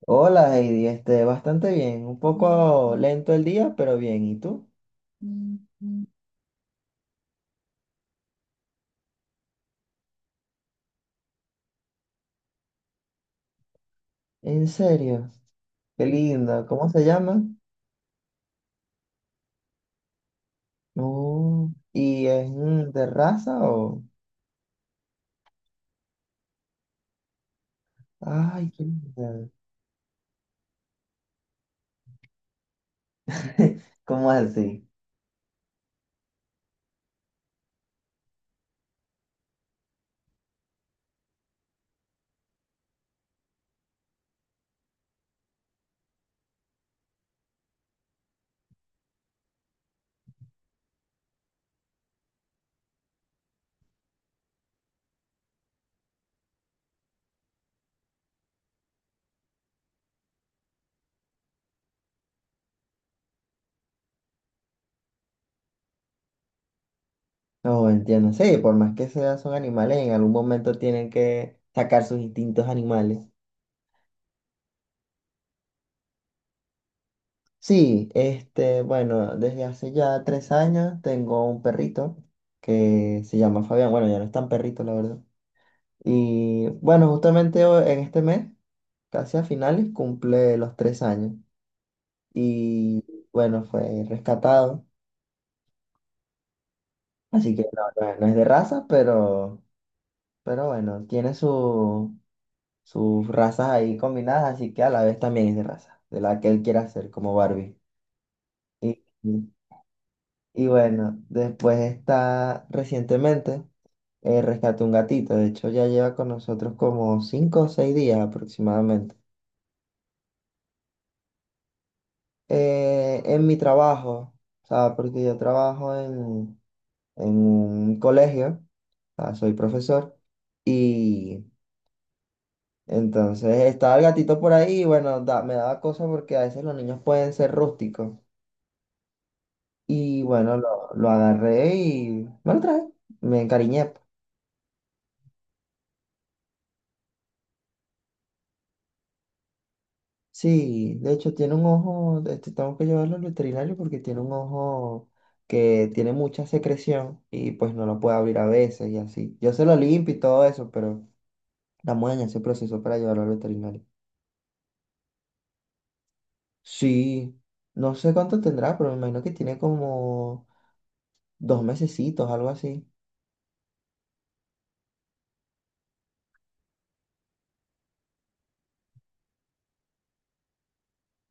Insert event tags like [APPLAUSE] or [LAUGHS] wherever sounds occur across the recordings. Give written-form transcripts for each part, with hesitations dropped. Hola Heidi, este, bastante bien, un poco lento el día, pero bien, ¿y tú? Mm, mm. En serio, qué lindo, ¿cómo se llama? Oh, ¿y es de raza o? Ay, qué lindo. [LAUGHS] ¿Cómo así? No, entiendo, sí, por más que sea, son animales, en algún momento tienen que sacar sus instintos animales. Sí, este, bueno, desde hace ya 3 años tengo un perrito que se llama Fabián, bueno, ya no es tan perrito, la verdad. Y bueno, justamente en este mes, casi a finales, cumple los 3 años. Y bueno, fue rescatado. Así que no es de raza, pero bueno, tiene su, sus razas ahí combinadas, así que a la vez también es de raza, de la que él quiera hacer como Barbie. Y, y- y bueno, después está recientemente, rescaté un gatito. De hecho, ya lleva con nosotros como 5 o 6 días aproximadamente. En mi trabajo, o sea, porque yo trabajo en un colegio, o sea, soy profesor, y entonces estaba el gatito por ahí y bueno, me daba cosa porque a veces los niños pueden ser rústicos. Y bueno, lo agarré y me lo traje, me encariñé, pues. Sí, de hecho tiene un ojo, este, tengo que llevarlo al veterinario porque tiene un ojo que tiene mucha secreción y pues no lo puede abrir a veces y así. Yo se lo limpio y todo eso, pero. La muela se procesó para llevarlo al veterinario. Sí, no sé cuánto tendrá, pero me imagino que tiene como 2 mesecitos, algo así.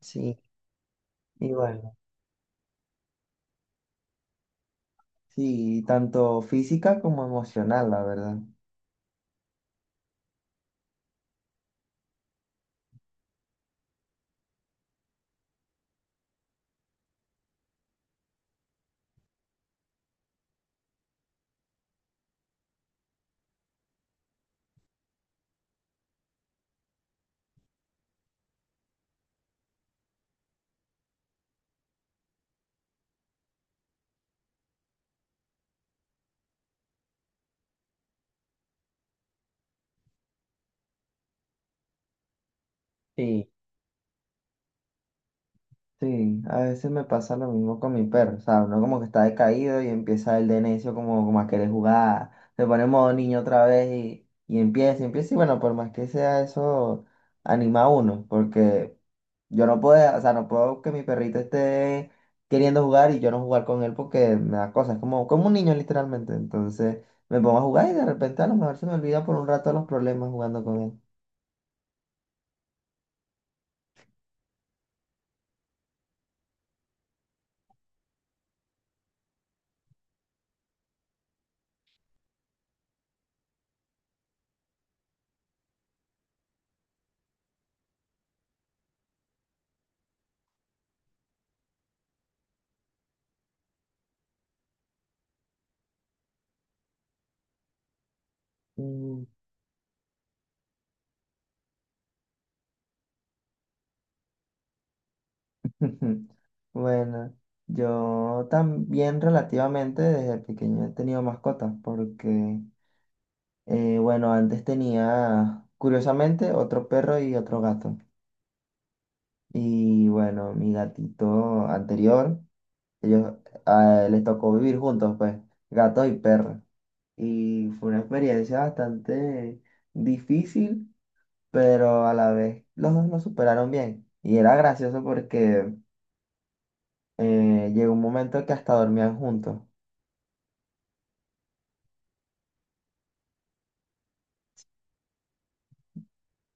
Sí, y bueno, sí, tanto física como emocional, la verdad. Sí, sí, a veces me pasa lo mismo con mi perro, o sea, uno como que está decaído y empieza el de necio como a querer jugar, se pone en modo niño otra vez y empieza, y bueno, por más que sea eso, anima a uno, porque yo no puedo, o sea, no puedo que mi perrito esté queriendo jugar y yo no jugar con él porque me da cosas, es como un niño literalmente. Entonces me pongo a jugar y de repente a lo mejor se me olvida por un rato los problemas jugando con él. Mm. [LAUGHS] Bueno, yo también relativamente desde pequeño he tenido mascotas porque, bueno, antes tenía, curiosamente, otro perro y otro gato. Y bueno, mi gatito anterior. Ellos les tocó vivir juntos, pues, gatos y perros. Y fue una experiencia bastante difícil, pero a la vez los dos lo superaron bien. Y era gracioso porque llegó un momento que hasta dormían juntos.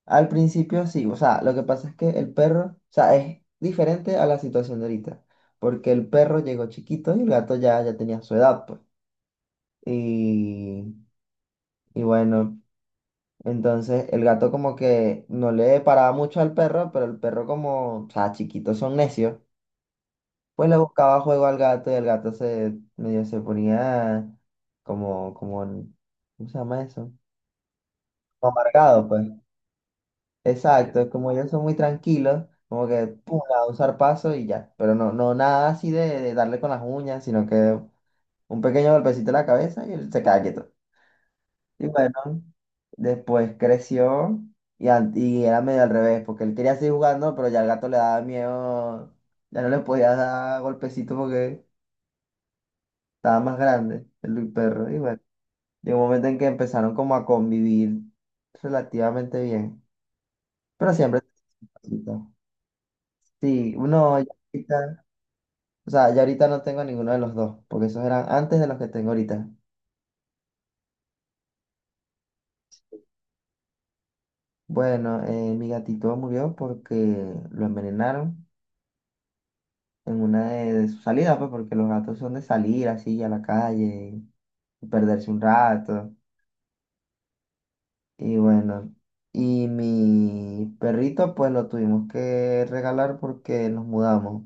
Al principio sí, o sea, lo que pasa es que el perro, o sea, es diferente a la situación de ahorita, porque el perro llegó chiquito y el gato ya tenía su edad, pues. Y, y bueno. Entonces el gato como que no le paraba mucho al perro, pero el perro como, o sea, chiquitos son necios, pues le buscaba juego al gato y el gato se medio se ponía como, como, ¿cómo se llama eso? Como amargado, pues. Exacto, como ellos son muy tranquilos, como que pum, a un zarpazo y ya. Pero no, no nada así de darle con las uñas, sino que un pequeño golpecito en la cabeza y él se queda quieto. Y bueno, después creció y era medio al revés, porque él quería seguir jugando, pero ya el gato le daba miedo, ya no le podía dar golpecitos porque estaba más grande el perro. Y bueno, llegó un momento en que empezaron como a convivir relativamente bien, pero siempre. Cosita. Sí, uno ya ahorita, o sea, ya ahorita no tengo ninguno de los dos, porque esos eran antes de los que tengo ahorita. Bueno, mi gatito murió porque lo envenenaron, en una de sus salidas, pues, porque los gatos son de salir así a la calle y perderse un rato. Y bueno, y mi perrito, pues lo tuvimos que regalar porque nos mudamos.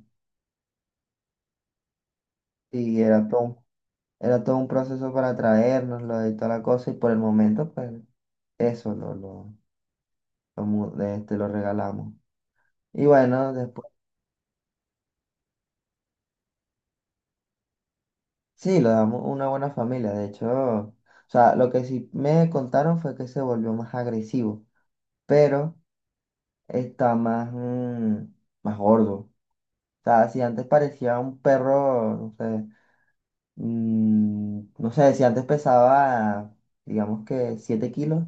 Y era todo, era todo un proceso para traérnoslo y toda la cosa. Y por el momento, pues eso lo, mu- de este, lo regalamos. Y bueno, después, sí, lo damos a una buena familia. De hecho, o sea, lo que sí me contaron fue que se volvió más agresivo. Pero está más gordo. O sea, si antes parecía un perro, no sé, no sé, si antes pesaba, digamos que 7 kilos,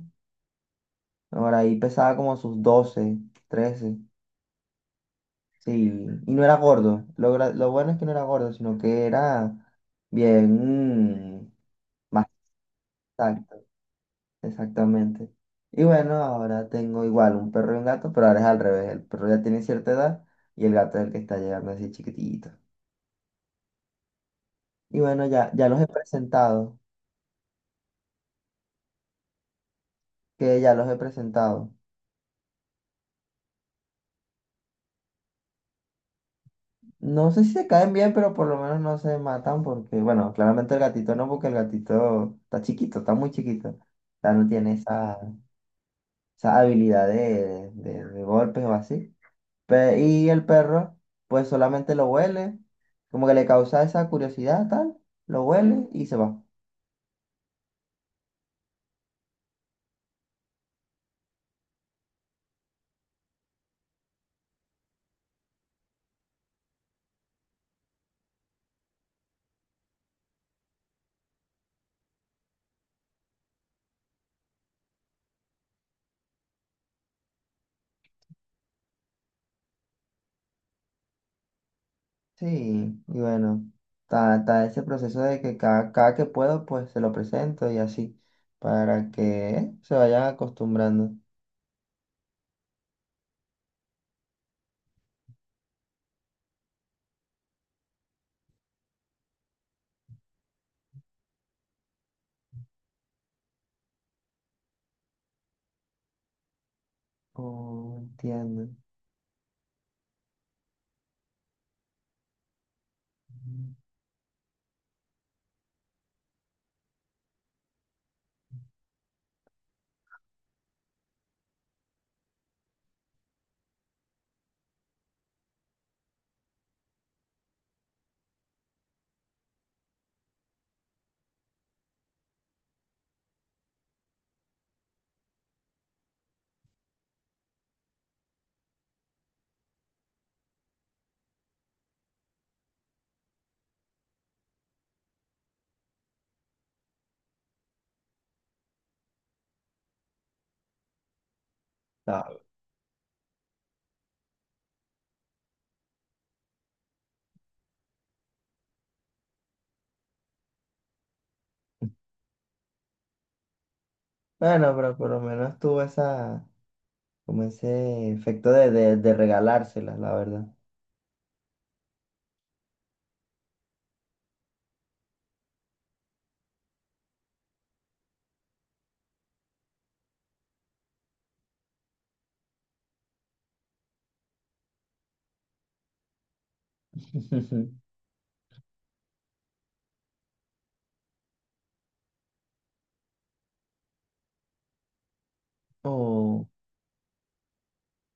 ahora ahí pesaba como sus 12, 13, sí, y no era gordo. Lo bueno es que no era gordo, sino que era bien, más exacto, exactamente. Y bueno, ahora tengo igual un perro y un gato, pero ahora es al revés, el perro ya tiene cierta edad y el gato es el que está llegando así chiquitito. Y bueno, ya los he presentado, que ya los he presentado. No sé si se caen bien, pero por lo menos no se matan porque, bueno, claramente el gatito no, porque el gatito está chiquito, está muy chiquito. O sea, no tiene esa habilidad de golpes o así. Y el perro, pues solamente lo huele, como que le causa esa curiosidad, tal, lo huele y se va. Sí, y bueno, está ese proceso de que cada que puedo, pues se lo presento y así, para que se vayan acostumbrando. Oh, entiendo. Ah, bueno, pero por lo menos tuvo esa, como ese efecto de regalárselas, la verdad. [LAUGHS] Oh,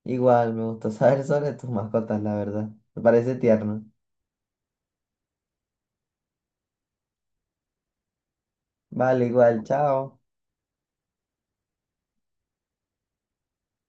igual, me gustó saber sobre tus mascotas, la verdad. Me parece tierno. Vale, igual, chao.